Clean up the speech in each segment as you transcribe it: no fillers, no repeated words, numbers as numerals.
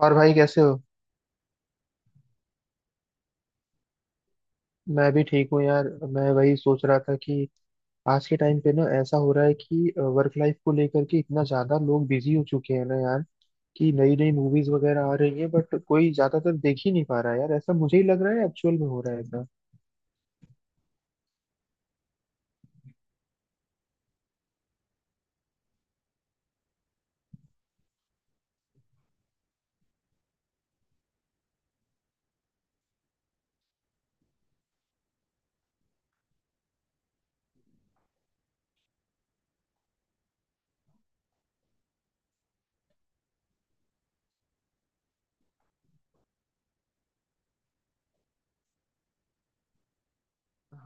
और भाई कैसे हो। मैं भी ठीक हूँ यार। मैं वही सोच रहा था कि आज के टाइम पे ना ऐसा हो रहा है कि वर्क लाइफ को लेकर के इतना ज्यादा लोग बिजी हो चुके हैं ना यार, कि नई नई मूवीज वगैरह आ रही है बट कोई ज्यादातर देख ही नहीं पा रहा है यार। ऐसा मुझे ही लग रहा है, एक्चुअल में हो रहा है ऐसा।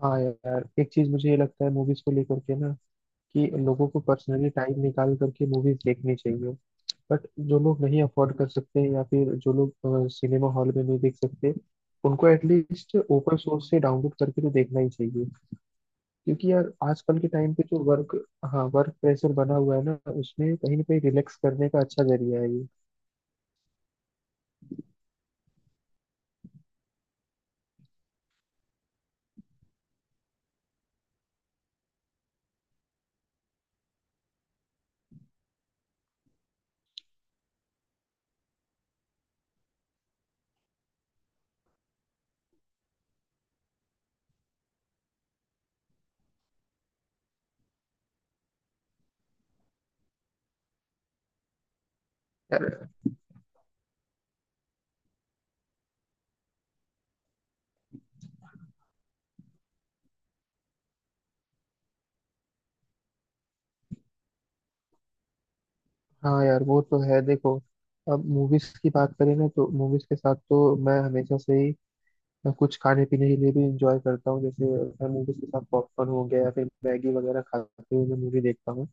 हाँ यार, एक चीज मुझे ये लगता है मूवीज को लेकर के ना, कि लोगों को पर्सनली टाइम निकाल करके मूवीज देखनी चाहिए। बट जो लोग नहीं अफोर्ड कर सकते हैं या फिर जो लोग सिनेमा हॉल में नहीं देख सकते, उनको एटलीस्ट ओपन सोर्स से डाउनलोड करके तो देखना ही चाहिए। क्योंकि यार आजकल के टाइम पे जो वर्क, हाँ, वर्क प्रेशर बना हुआ है ना, उसमें कहीं ना कहीं रिलैक्स करने का अच्छा जरिया है ये यार। हाँ यार, वो तो है देखो। अब मूवीज की बात करें ना तो मूवीज के साथ तो मैं हमेशा से ही मैं कुछ खाने पीने के लिए भी इंजॉय करता हूँ, जैसे मैं मूवीज के साथ पॉपकॉर्न हो गया या फिर मैगी वगैरह खाते हुए मैं मूवी देखता हूँ।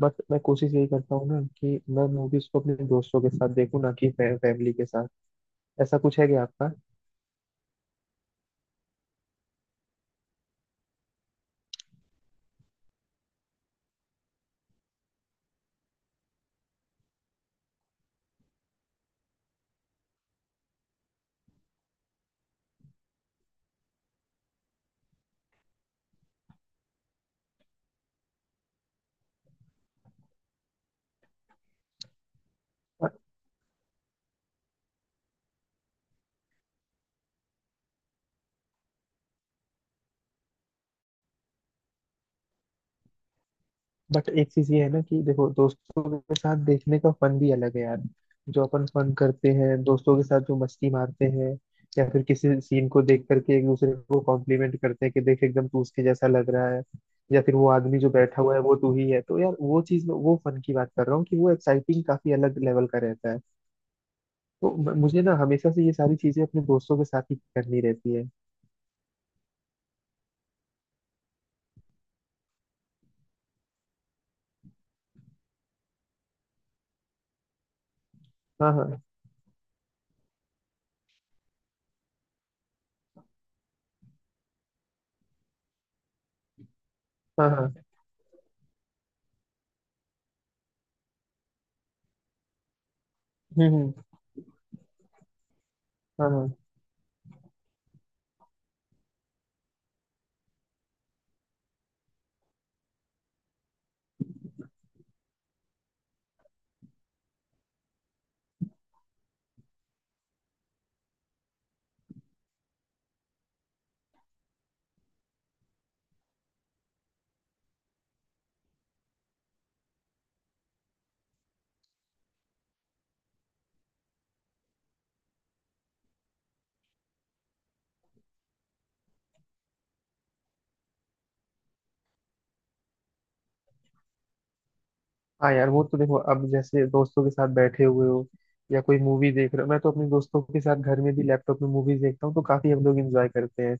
बट मैं कोशिश यही करता हूँ ना कि मैं मूवीज को अपने दोस्तों के साथ देखूँ ना कि फैमिली के साथ। ऐसा कुछ है क्या आपका? बट एक चीज ये है ना कि देखो, दोस्तों के साथ देखने का फन भी अलग है यार। जो अपन फन करते हैं दोस्तों के साथ, जो मस्ती मारते हैं, या फिर किसी सीन को देख करके एक दूसरे को कॉम्प्लीमेंट करते हैं कि देख एकदम तू उसके जैसा लग रहा है, या फिर वो आदमी जो बैठा हुआ है वो तू ही है, तो यार वो चीज में वो फन की बात कर रहा हूँ कि वो एक्साइटिंग काफी अलग लेवल का रहता है। तो मुझे ना हमेशा से ये सारी चीजें अपने दोस्तों के साथ ही करनी रहती है। हाँ, हाँ, हाँ, हाँ, हम्म, हम्म, हाँ हाँ, हाँ। यार वो तो देखो, अब जैसे दोस्तों के साथ बैठे हुए हो या कोई मूवी देख रहे हो, मैं तो अपने दोस्तों के साथ घर में भी लैपटॉप में मूवीज देखता हूँ तो काफी हम लोग इंजॉय करते हैं।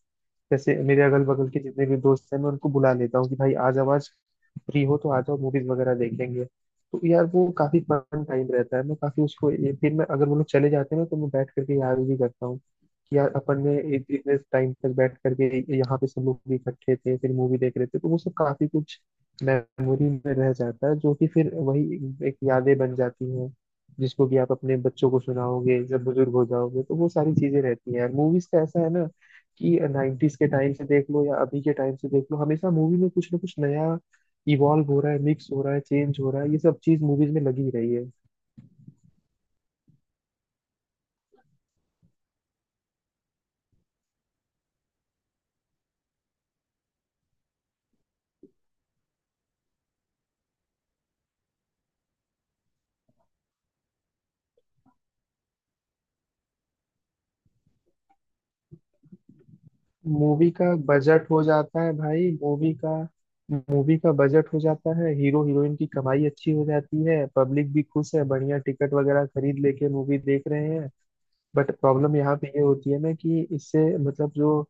जैसे मेरे अगल बगल के जितने भी दोस्त हैं मैं उनको बुला लेता हूँ कि भाई आज आवाज फ्री हो तो आ जाओ, मूवीज वगैरह देखेंगे। तो यार वो काफी फन टाइम रहता है। मैं काफी उसको फिर मैं, अगर वो लोग चले जाते हैं ना, तो मैं बैठ करके याद भी करता हूँ कि यार अपन ने इतने टाइम तक बैठ करके यहाँ पे सब लोग भी इकट्ठे थे, फिर मूवी देख रहे थे, तो वो सब काफी कुछ मेमोरी में रह जाता है जो कि फिर वही एक यादें बन जाती हैं, जिसको कि आप अपने बच्चों को सुनाओगे जब बुजुर्ग हो जाओगे, तो वो सारी चीजें रहती हैं। मूवीज का ऐसा है ना कि 90s के टाइम से देख लो या अभी के टाइम से देख लो, हमेशा मूवी में कुछ ना कुछ नया इवॉल्व हो रहा है, मिक्स हो रहा है, चेंज हो रहा है, ये सब चीज मूवीज में लगी रही है। मूवी का बजट हो जाता है भाई, मूवी का बजट हो जाता है, हीरो हीरोइन की कमाई अच्छी हो जाती है, पब्लिक भी खुश है, बढ़िया टिकट वगैरह खरीद लेके मूवी देख रहे हैं। बट प्रॉब्लम यहाँ पे ये होती है ना कि इससे मतलब जो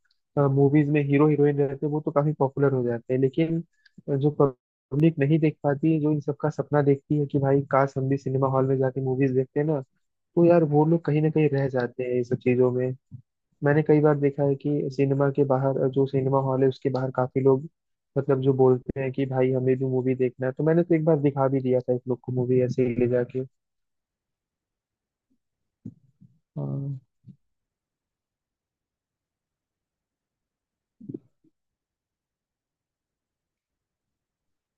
मूवीज में हीरो हीरोइन रहते हैं वो तो काफी पॉपुलर हो जाते हैं, लेकिन जो पब्लिक नहीं देख पाती है, जो इन सबका सपना देखती है कि भाई काश हम भी सिनेमा हॉल में जाके मूवीज देखते हैं ना, तो यार वो लोग कहीं ना कहीं रह जाते हैं इन सब चीजों में। मैंने कई बार देखा है कि सिनेमा के बाहर, जो सिनेमा हॉल है उसके बाहर, काफी लोग मतलब जो बोलते हैं कि भाई हमें भी मूवी देखना है, तो मैंने तो एक बार दिखा भी दिया था एक लोग को मूवी ऐसे ही ले जाके। हाँ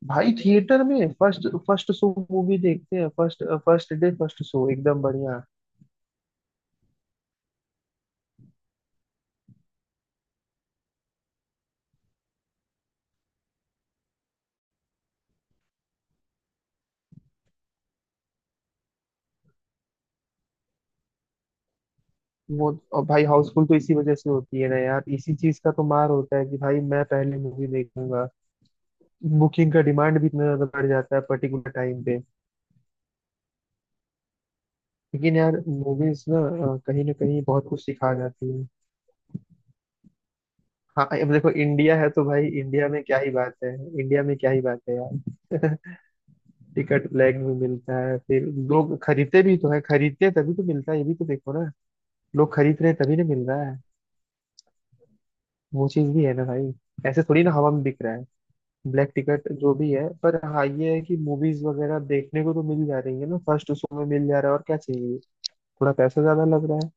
भाई, थिएटर में फर्स्ट फर्स्ट शो मूवी देखते हैं, first first day first show, एकदम बढ़िया। वो, और भाई हाउसफुल तो इसी वजह से होती है ना यार, इसी चीज का तो मार होता है कि भाई मैं पहले मूवी देखूंगा। बुकिंग का डिमांड भी इतना ज्यादा बढ़ जाता है पर्टिकुलर टाइम पे। लेकिन यार मूवीज ना कहीं ना कहीं बहुत कुछ सिखा जाती है। हाँ अब देखो, इंडिया है तो भाई इंडिया में क्या ही बात है। इंडिया में क्या ही बात है यार। टिकट ब्लैक में मिलता है, फिर लोग खरीदते भी तो है, खरीदते हैं तभी तो मिलता है, ये भी तो देखो ना। लोग खरीद रहे हैं तभी ना मिल रहा है। वो चीज भी है ना भाई। ऐसे थोड़ी ना हवा में बिक रहा है ब्लैक टिकट जो भी है। पर हाँ ये है कि मूवीज वगैरह देखने को तो मिल जा रही है ना, फर्स्ट शो में मिल जा रहा है, और क्या चाहिए। थोड़ा पैसा ज्यादा लग रहा है।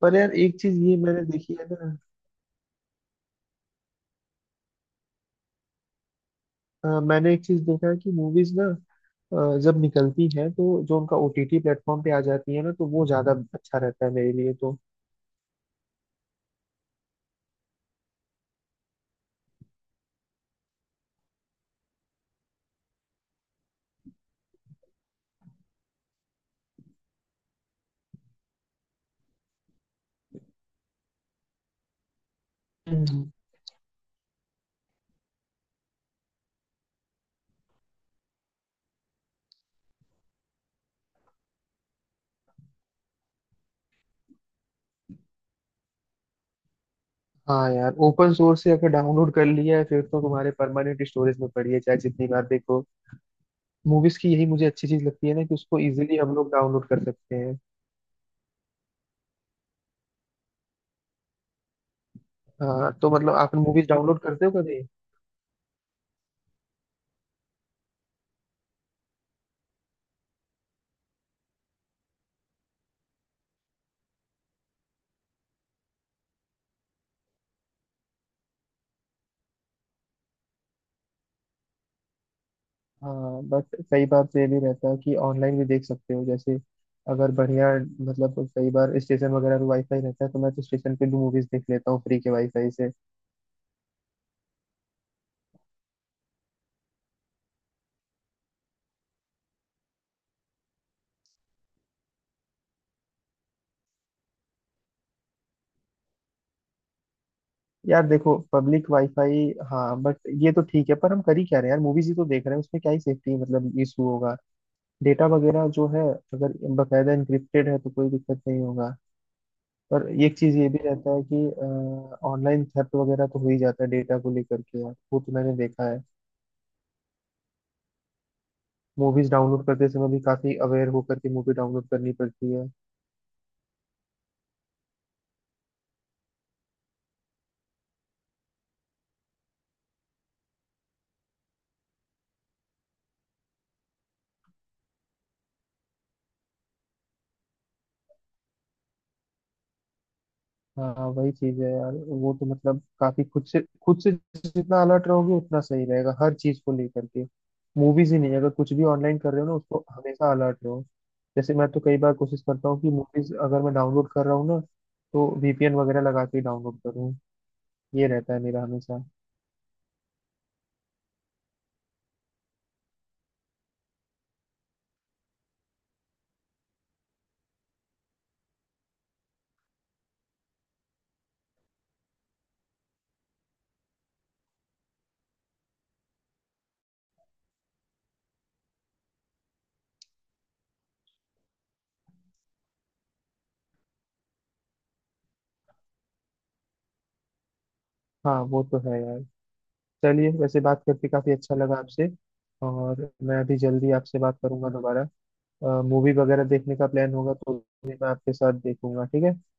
पर यार एक चीज ये मैंने देखी है ना। मैंने एक चीज देखा है कि मूवीज ना जब निकलती है, तो जो उनका ओटीटी प्लेटफॉर्म पे आ जाती है ना, तो वो ज्यादा अच्छा रहता है मेरे लिए तो। हम्म। हाँ यार, ओपन सोर्स से अगर डाउनलोड कर लिया है फिर तो तुम्हारे परमानेंट स्टोरेज में पड़ी है, चाहे जितनी बार देखो। मूवीज की यही मुझे अच्छी चीज लगती है ना कि उसको इजीली हम लोग डाउनलोड कर सकते हैं। हाँ तो मतलब आप मूवीज डाउनलोड करते हो कभी? हाँ बट कई बार तो ये भी रहता है कि ऑनलाइन भी देख सकते हो, जैसे अगर बढ़िया मतलब कई बार स्टेशन वगैरह पे वाईफाई रहता है, तो मैं तो स्टेशन पे भी मूवीज देख लेता हूँ फ्री के वाईफाई से। यार देखो, पब्लिक वाईफाई, हाँ बट ये तो ठीक है, पर हम कर ही क्या रहे हैं यार, मूवीज ही तो देख रहे हैं, उसमें क्या ही सेफ्टी मतलब इशू होगा। डेटा वगैरह जो है, अगर बकायदा इंक्रिप्टेड है तो कोई दिक्कत नहीं होगा। और एक चीज ये भी रहता है कि ऑनलाइन थेफ्ट वगैरह तो हो ही जाता है डेटा को लेकर के यार, वो तो मैंने देखा है। मूवीज डाउनलोड करते समय भी काफी अवेयर होकर के मूवी डाउनलोड करनी पड़ती है। हाँ वही चीज है यार। वो तो मतलब काफी खुद से खुद से, जितना अलर्ट रहोगे उतना सही रहेगा हर चीज को लेकर के। मूवीज ही नहीं, अगर कुछ भी ऑनलाइन कर रहे हो ना, उसको हमेशा अलर्ट रहो। जैसे मैं तो कई बार कोशिश करता हूँ कि मूवीज अगर मैं डाउनलोड कर रहा हूँ ना, तो वीपीएन वगैरह लगा के डाउनलोड करूँ। ये रहता है मेरा हमेशा। हाँ वो तो है यार। चलिए, वैसे बात करके काफी अच्छा लगा आपसे। और मैं अभी जल्दी आपसे बात करूंगा दोबारा। मूवी वगैरह देखने का प्लान होगा तो भी मैं आपके साथ देखूंगा, ठीक है।